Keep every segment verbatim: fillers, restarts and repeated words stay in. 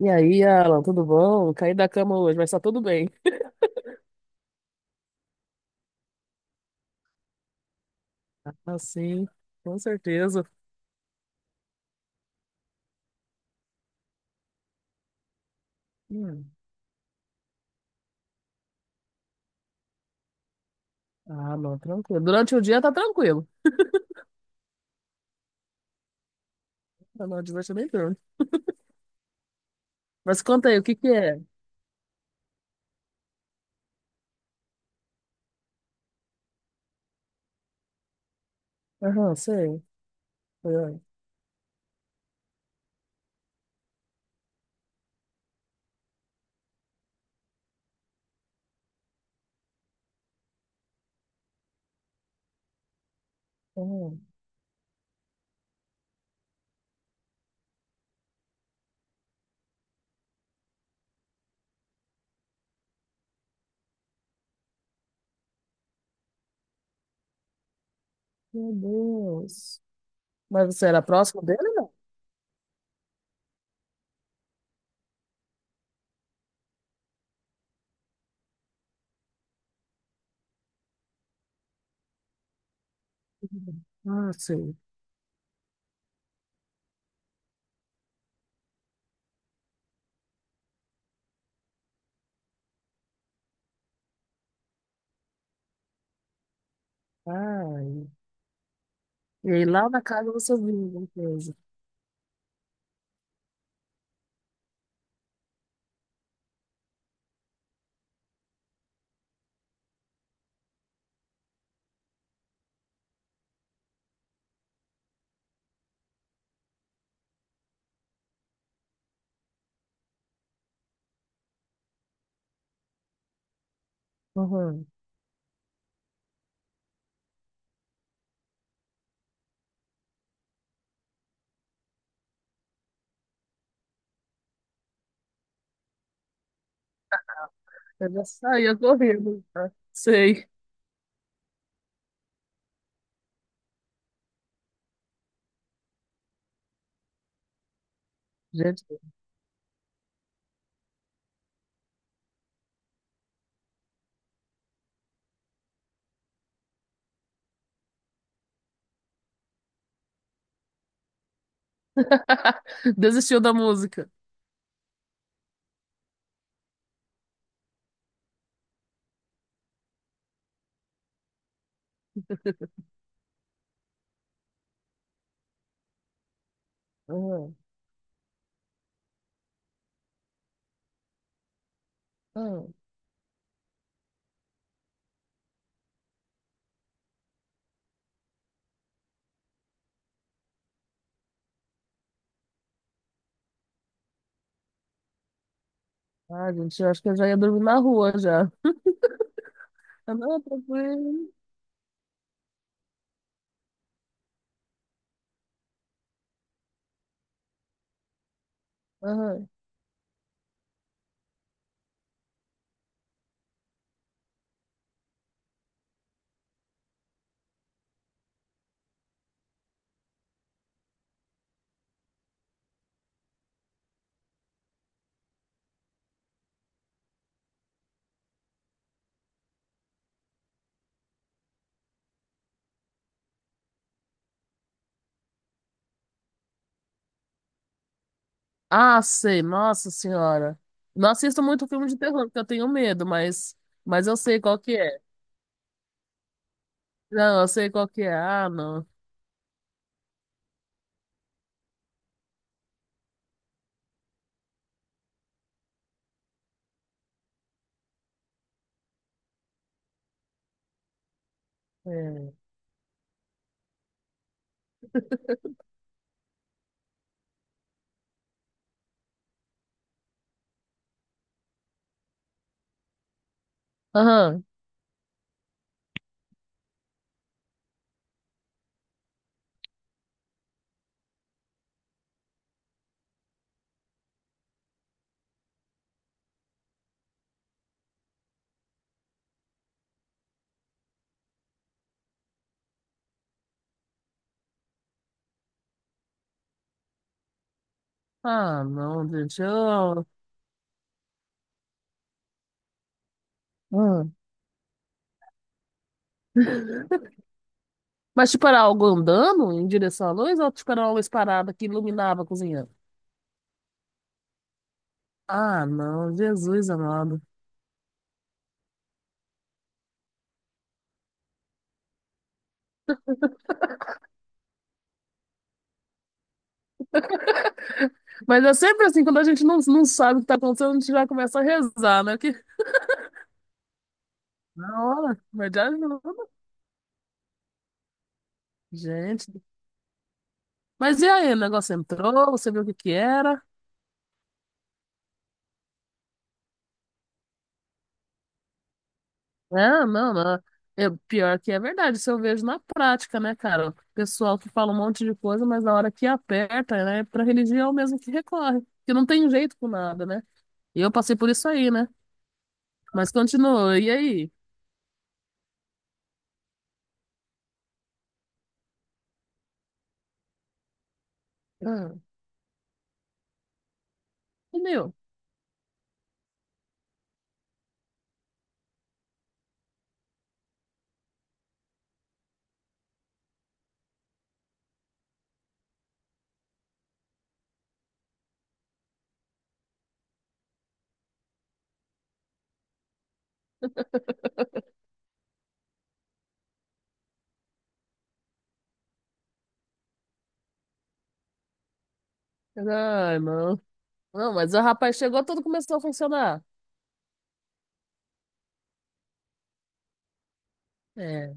E aí, Alan, tudo bom? Caí da cama hoje, mas tá tudo bem. Ah, sim, com certeza. Hum. Ah, não, tranquilo. Durante o dia tá tranquilo. Ah, não, de noite é bem tranquilo. Mas conta aí, o que que é? Aham, sei. Aham. Aham. Meu Deus. Mas você era próximo dele, não? Ah, sei. Ai. E aí lá na casa você viu alguma coisa. Aham. Eu já saía correndo. Ah, sei. Gente. Desistiu da música. Aham. Ah, gente, eu acho que eu já ia dormir na rua já. Ah, não, tranquilo. Aham. Ah, sei, nossa senhora. Não assisto muito filme de terror, porque eu tenho medo, mas, mas eu sei qual que é. Não, eu sei qual que é. Ah, não. É. Aham. Ah, não, gente. Eu... Ah. Mas tipo, era algo andando em direção à luz ou tipo, era uma luz parada que iluminava a cozinha? Ah, não, Jesus amado. Mas é sempre assim, quando a gente não, não sabe o que tá acontecendo, a gente já começa a rezar, né? Na hora, verdade não. Gente. Mas e aí, o negócio entrou, você viu o que que era? Ah, não, não. Eu, pior que é verdade, isso eu vejo na prática, né, cara? O pessoal que fala um monte de coisa, mas na hora que aperta, né, pra religião mesmo que recorre, que não tem jeito com nada, né? E eu passei por isso aí, né? Mas continua, e aí? Ah, sumiu. Ai, não. Não, mas o rapaz chegou, tudo começou a funcionar. É.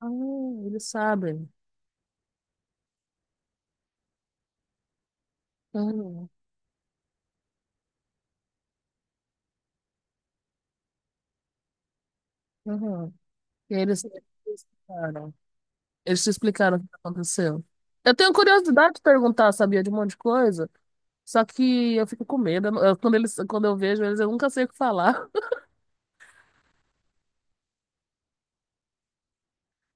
Ah, eles sabem. Ah, ah. E eles te explicaram. Eles te explicaram o que aconteceu. Eu tenho curiosidade de perguntar, sabia, de um monte de coisa. Só que eu fico com medo. Eu não- eu- quando eles, quando eu vejo eles, eu nunca sei o que falar.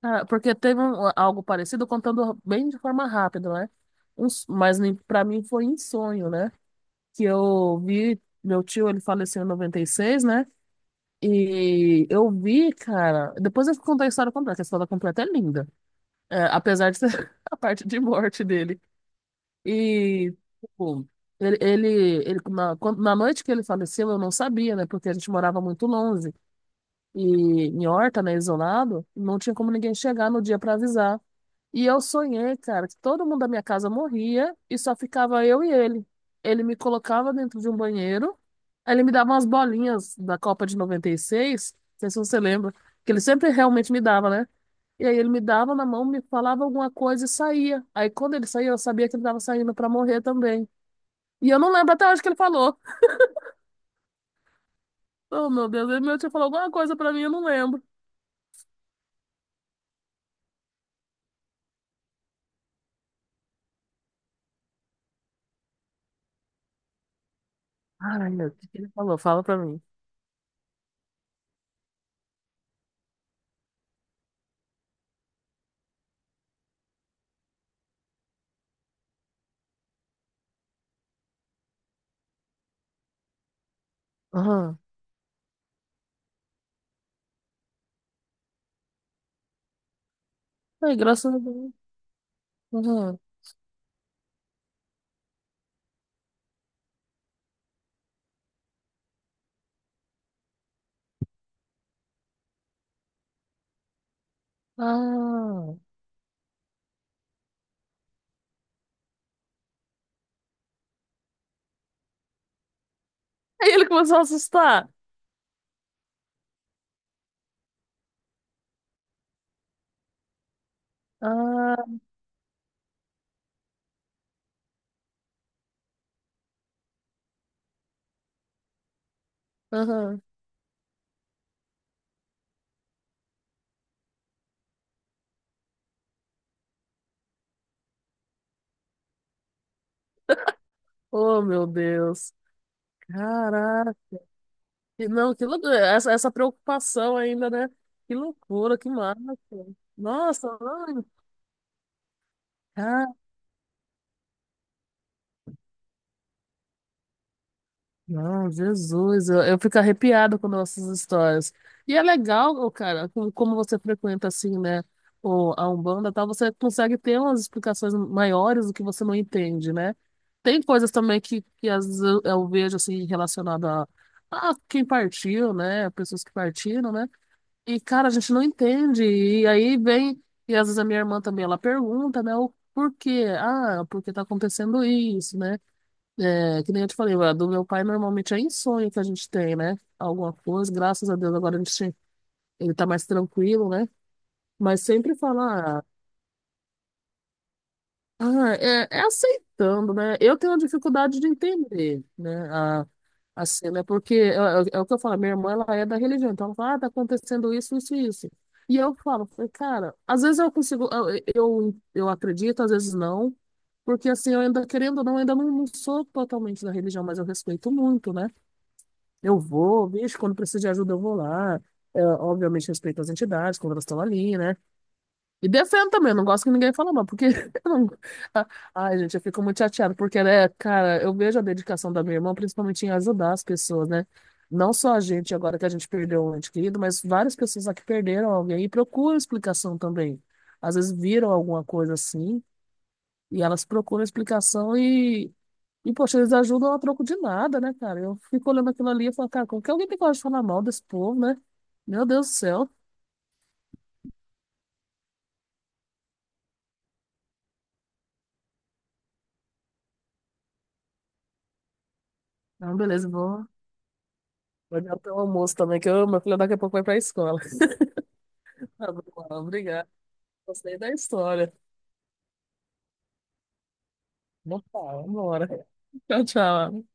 Ah, porque teve um- algo parecido, contando bem de forma rápida, né? Um s- mas nem- pra mim foi em sonho, né? Que eu vi, meu tio, ele faleceu em noventa e seis né? E eu vi, cara. Depois eu vou contar a história completa, que a história completa é linda. É, apesar de ser a parte de morte dele. E tipo, ele, ele, ele- na, quando- na noite que ele faleceu, eu não sabia, né? Porque a gente morava muito longe. E em Horta, né, isolado, não tinha como ninguém chegar no dia para avisar. E eu sonhei, cara, que todo mundo da minha casa morria e só ficava eu e ele. Ele me colocava dentro de um banheiro, aí ele me dava umas bolinhas da Copa de noventa e seis, não sei se você lembra, que ele sempre realmente me dava, né? E aí ele me dava na mão, me falava alguma coisa e saía. Aí quando ele saía, eu sabia que ele estava saindo pra morrer também. E eu não lembro até hoje o que ele falou. Oh, meu Deus, ele meu tio falou alguma coisa pra mim, eu não lembro. Ai, meu, o que que ele falou? Fala pra mim. Aham. Aí, graças a Deus. Aham. Ah. Aí ele começou a assustar. Ah, aham. Oh, meu Deus. Caraca. E não, que loucura. Essa, essa preocupação ainda, né? Que loucura, que massa. Nossa, mano. Não, Jesus, eu, eu fico arrepiado com nossas histórias. E é legal, ô, cara, como, como você frequenta assim, né, o, a Umbanda, e tal, você consegue ter umas explicações maiores do que você não entende, né? Tem coisas também que, que às vezes eu, eu vejo assim relacionada a, a quem partiu, né, pessoas que partiram, né? E cara, a gente não entende. E aí vem, e às vezes a minha irmã também, ela pergunta, né, o porquê? Ah, porque tá acontecendo isso, né? É, que nem eu te falei, a do meu pai normalmente é em sonho que a gente tem, né? Alguma coisa, graças a Deus agora a gente, ele tá mais tranquilo, né? Mas sempre falar ah, ah, é, é aceitando, né? Eu tenho uma dificuldade de entender, né? A, a cena, é porque é, é- é o que eu falo, minha irmã, ela é da religião, então ela fala, ah, tá acontecendo isso, isso e isso. E eu falo, falei, cara, às vezes eu consigo, eu, eu, eu acredito, às vezes não, porque assim, eu ainda, querendo ou não, ainda não, não sou totalmente da religião, mas eu respeito muito, né? Eu vou, vejo quando precisa de ajuda, eu vou lá. É, obviamente respeito as entidades, quando elas estão ali, né? E defendo também, eu não gosto que ninguém fale mal, porque eu não... Ah, ai, gente, eu fico muito chateada, porque, né, cara, eu vejo a dedicação da minha irmã, principalmente em ajudar as pessoas, né? Não só a gente, agora que a gente perdeu um ente querido, mas várias pessoas aqui perderam alguém e procuram explicação também. Às vezes viram alguma coisa assim, e elas procuram explicação e e, poxa, eles ajudam a troco de nada, né, cara? Eu fico olhando aquilo ali e falo, cara, como que alguém tem coragem de falar mal desse povo, né? Meu Deus do céu. Não, beleza, vou vou olhar o almoço também, que eu, meu filho daqui a pouco vai pra escola. Tá bom, obrigado. Gostei da história. Opa, vambora. Tchau, tchau.